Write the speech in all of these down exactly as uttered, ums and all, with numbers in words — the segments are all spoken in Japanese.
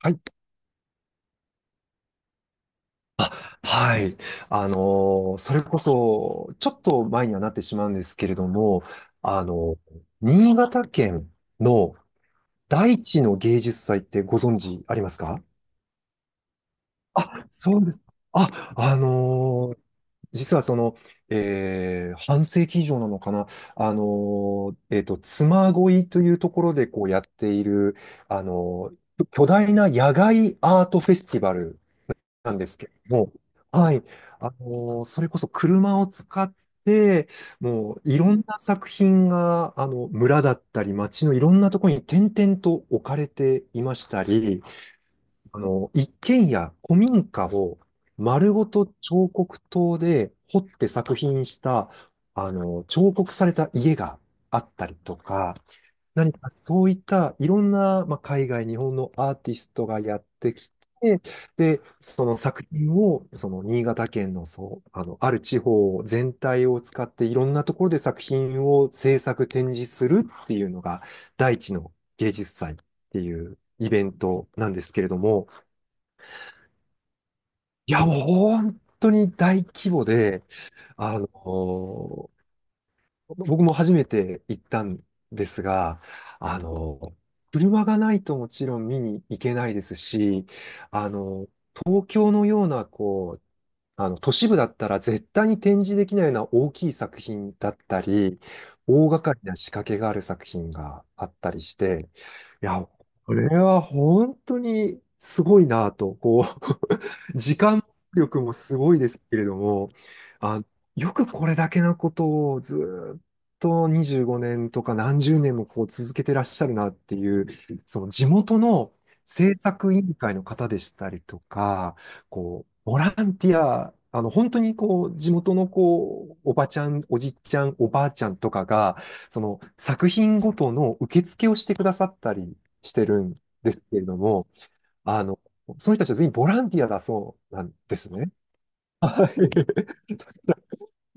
はい。あ、はい。あのーそれこそ、ちょっと前にはなってしまうんですけれども、あの新潟県の大地の芸術祭ってご存知ありますか？あ、そうです。あ、あのー実はその、えー半世紀以上なのかな、あのーえっと、妻恋というところでこうやっている、あのー巨大な野外アートフェスティバルなんですけども、はい、あの、それこそ車を使って、もういろんな作品が、あの、村だったり、街のいろんなところに点々と置かれていましたり、あの、一軒家、古民家を丸ごと彫刻刀で彫って作品した、あの、彫刻された家があったりとか、何かそういったいろんな、まあ、海外、日本のアーティストがやってきて、で、その作品を、その新潟県の、そう、あの、ある地方全体を使っていろんなところで作品を制作、展示するっていうのが、大地の芸術祭っていうイベントなんですけれども、いや、もう本当に大規模で、あの、僕も初めて行ったんですが、あの、車がないともちろん見に行けないですし、あの、東京のような、こう、あの、都市部だったら絶対に展示できないような大きい作品だったり、大掛かりな仕掛けがある作品があったりして、いや、これは本当にすごいなと、こう、時間力もすごいですけれども、あ、よくこれだけのことをずーっとにじゅうごねんとか何十年もこう続けてらっしゃるなっていう、その地元の政策委員会の方でしたりとか、こう、ボランティア、あの、本当にこう、地元のこう、おばちゃん、おじちゃん、おばあちゃんとかが、その作品ごとの受付をしてくださったりしてるんですけれども、あの、その人たちは全員ボランティアだそうなんですね。はい。だから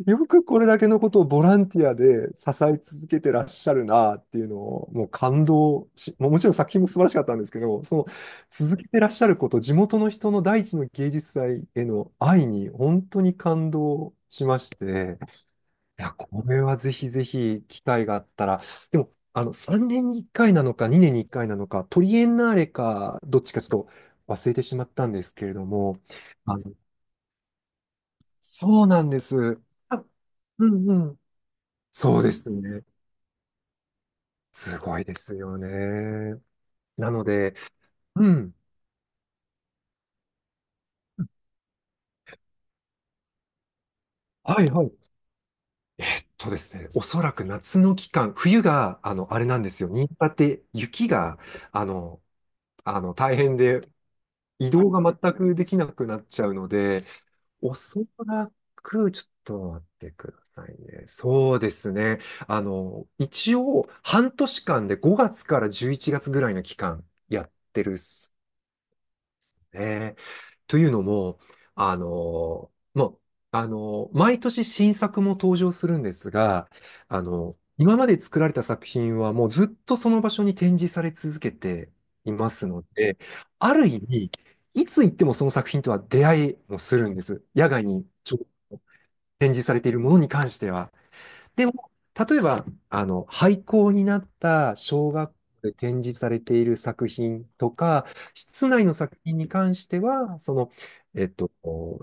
よくこれだけのことをボランティアで支え続けてらっしゃるなっていうのを、もう感動し、もうもちろん作品も素晴らしかったんですけど、その続けてらっしゃること、地元の人の第一の芸術祭への愛に本当に感動しまして、いや、これはぜひぜひ機会があったら、でも、あの、さんねんにいっかいなのか、にねんにいっかいなのか、トリエンナーレか、どっちかちょっと忘れてしまったんですけれども、あの、そうなんです。あ、うんうん。そうですね。すごいですよね。なので、うん。はいはい。えっとですね、おそらく夏の期間、冬が、あの、あれなんですよ。新潟って雪が、あの、あの、大変で、移動が全くできなくなっちゃうので、おそらく、ちょっと待ってくださいね。そうですね。あの、一応、半年間でごがつからじゅういちがつぐらいの期間やってるね。というのも、あの、もう、あの、毎年新作も登場するんですが、あの、今まで作られた作品はもうずっとその場所に展示され続けていますので、ある意味、いつ行ってもその作品とは出会いもするんです。野外にちょっと展示されているものに関しては。でも、例えば、あの、廃校になった小学校で展示されている作品とか、室内の作品に関しては、その、えっと、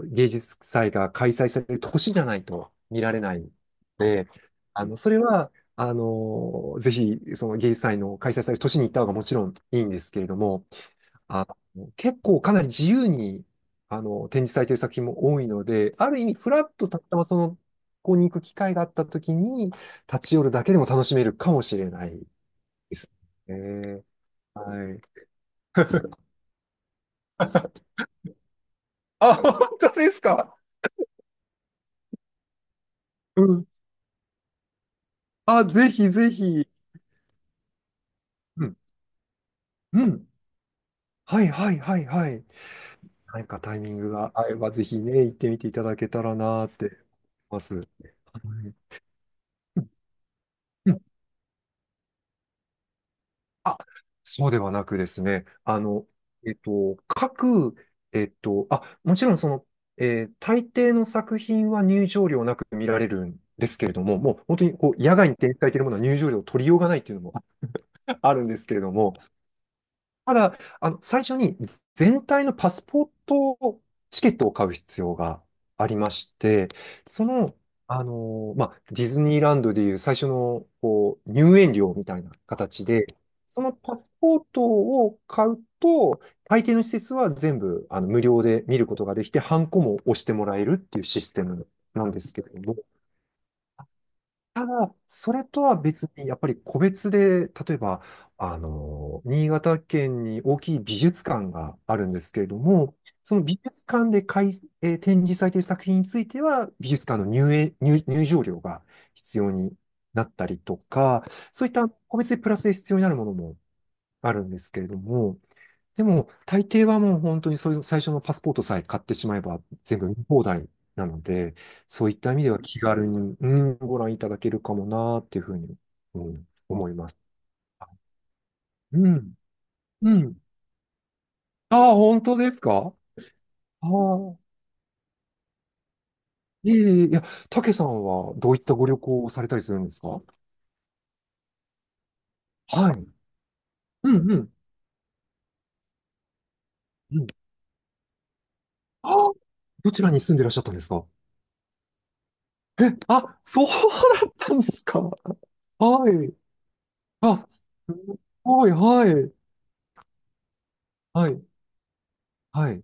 芸術祭が開催される年じゃないと見られないので、あの、それは、あの、ぜひ、その芸術祭の開催される年に行った方がもちろんいいんですけれども、あの、結構かなり自由に、あの、展示されている作品も多いので、ある意味、フラッとたまたまその、ここに行く機会があったときに、立ち寄るだけでも楽しめるかもしれないですね。はい。あ、本当ですか？うん。あ、ぜひぜひ。うん。うん。はいはいはいはい。何かタイミングが合えば、ぜひね、行ってみていただけたらなーって思います。はい、うん、あ、そうではなくですね、あの、えっと、各、えっと、あ、もちろんその、えー大抵の作品は入場料なく見られるんですけれども、もう本当にこう野外に展開されているものは入場料を取りようがないっていうのも あるんですけれども、ただ、あの、最初に全体のパスポートチケットを買う必要がありまして、その、あの、まあ、ディズニーランドでいう最初の、こう、入園料みたいな形で、そのパスポートを買うと、大抵の施設は全部、あの、無料で見ることができて、ハンコも押してもらえるっていうシステムなんですけれども、ただ、それとは別に、やっぱり個別で、例えば、あの、新潟県に大きい美術館があるんですけれども、その美術館で開えー展示されている作品については、美術館の入園、入、入場料が必要になったりとか、そういった個別でプラスで必要になるものもあるんですけれども、でも、大抵はもう本当にそういう最初のパスポートさえ買ってしまえば全部見放題なので、そういった意味では気軽に、うん、ご覧いただけるかもなーっていうふうに、うん、思います。うん。うん。ああ、本当ですか？ああ、いえいえ、いや、たけさんはどういったご旅行をされたりするんですか？はい。うんうん。うん。ああ、どちらに住んでいらっしゃったんですか？え、あ、そうだったんですか？はい。あ、すごい、はい。はい。はい。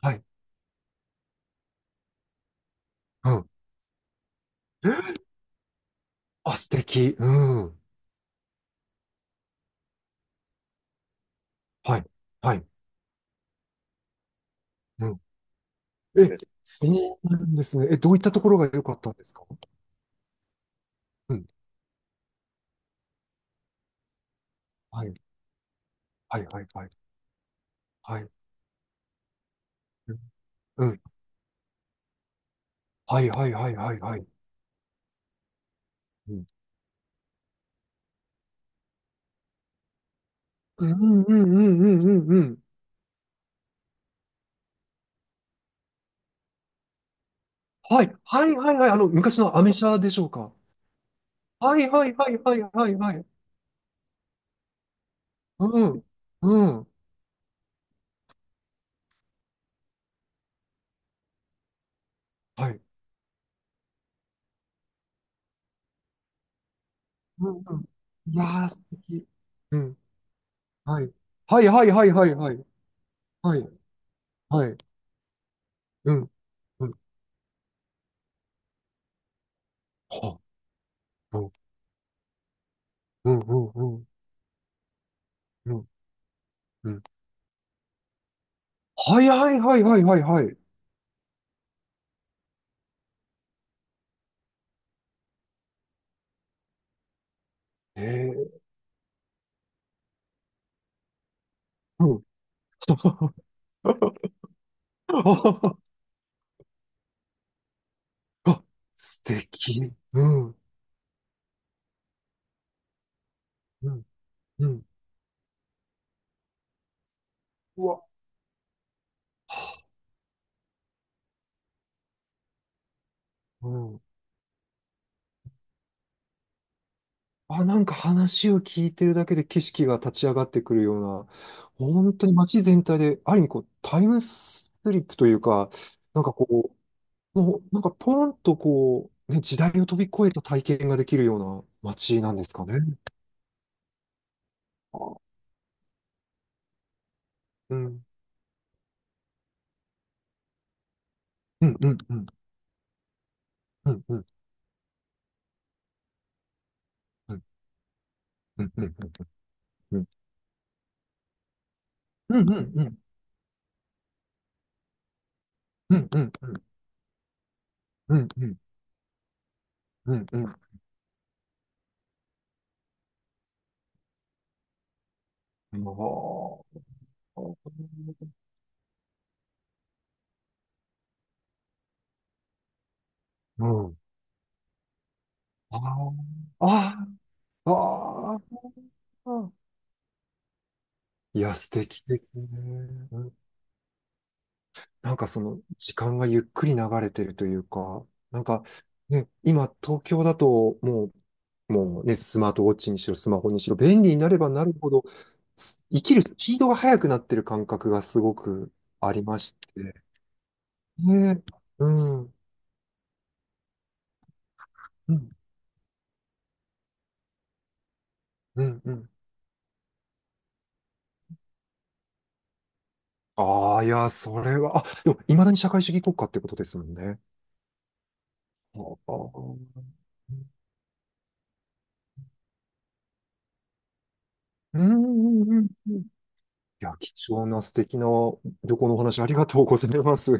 はい。うん。あ、素敵。うん。はい。はい。うん。え、えそうなんですね。え、どういったところが良かったんですか？うん。はい。はい。はい。はい。はい。うん。はい。はい。はい。はい。はい。うん。うんうんうんうんうんうん。はい。はい。はい。はい。あの、昔のアメ車でしょうか？はい。はい。はい。はい。はい。はい。うん。うん。はい。うんうん。いやー、素敵。うん。はい。はい。はい。はい。はい。はい。はい。はい。うん。うん。はあ。うんうんうんうんうん。はいはいはいはいはいはい。ええ、うん。あ、素敵。うん。うん。うん。うわ。うん。あ、なんか話を聞いてるだけで景色が立ち上がってくるような、本当に街全体で、ある意味こう、タイムスリップというか、なんかこう、もう、なんかポンとこう、ね、時代を飛び越えた体験ができるような街なんですかね？あ、うん。うんうんうん。うんうんうん。うんうんうんうんうんうんうんうんうんうんうんうん、おー、うん、あー、あー、あー、いや、素敵ですね。うん、なんかその時間がゆっくり流れてるというか、なんかね、今東京だともう、もうね、スマートウォッチにしろ、スマホにしろ、便利になればなるほど、す生きるスピードが速くなってる感覚がすごくありまして。ね、うん。うんうんうん。ああ、いや、それは、あ、でも、いまだに社会主義国家ってことですもんね。ああ、うんうんうんうん。いや、貴重な素敵な旅行のお話ありがとうございます。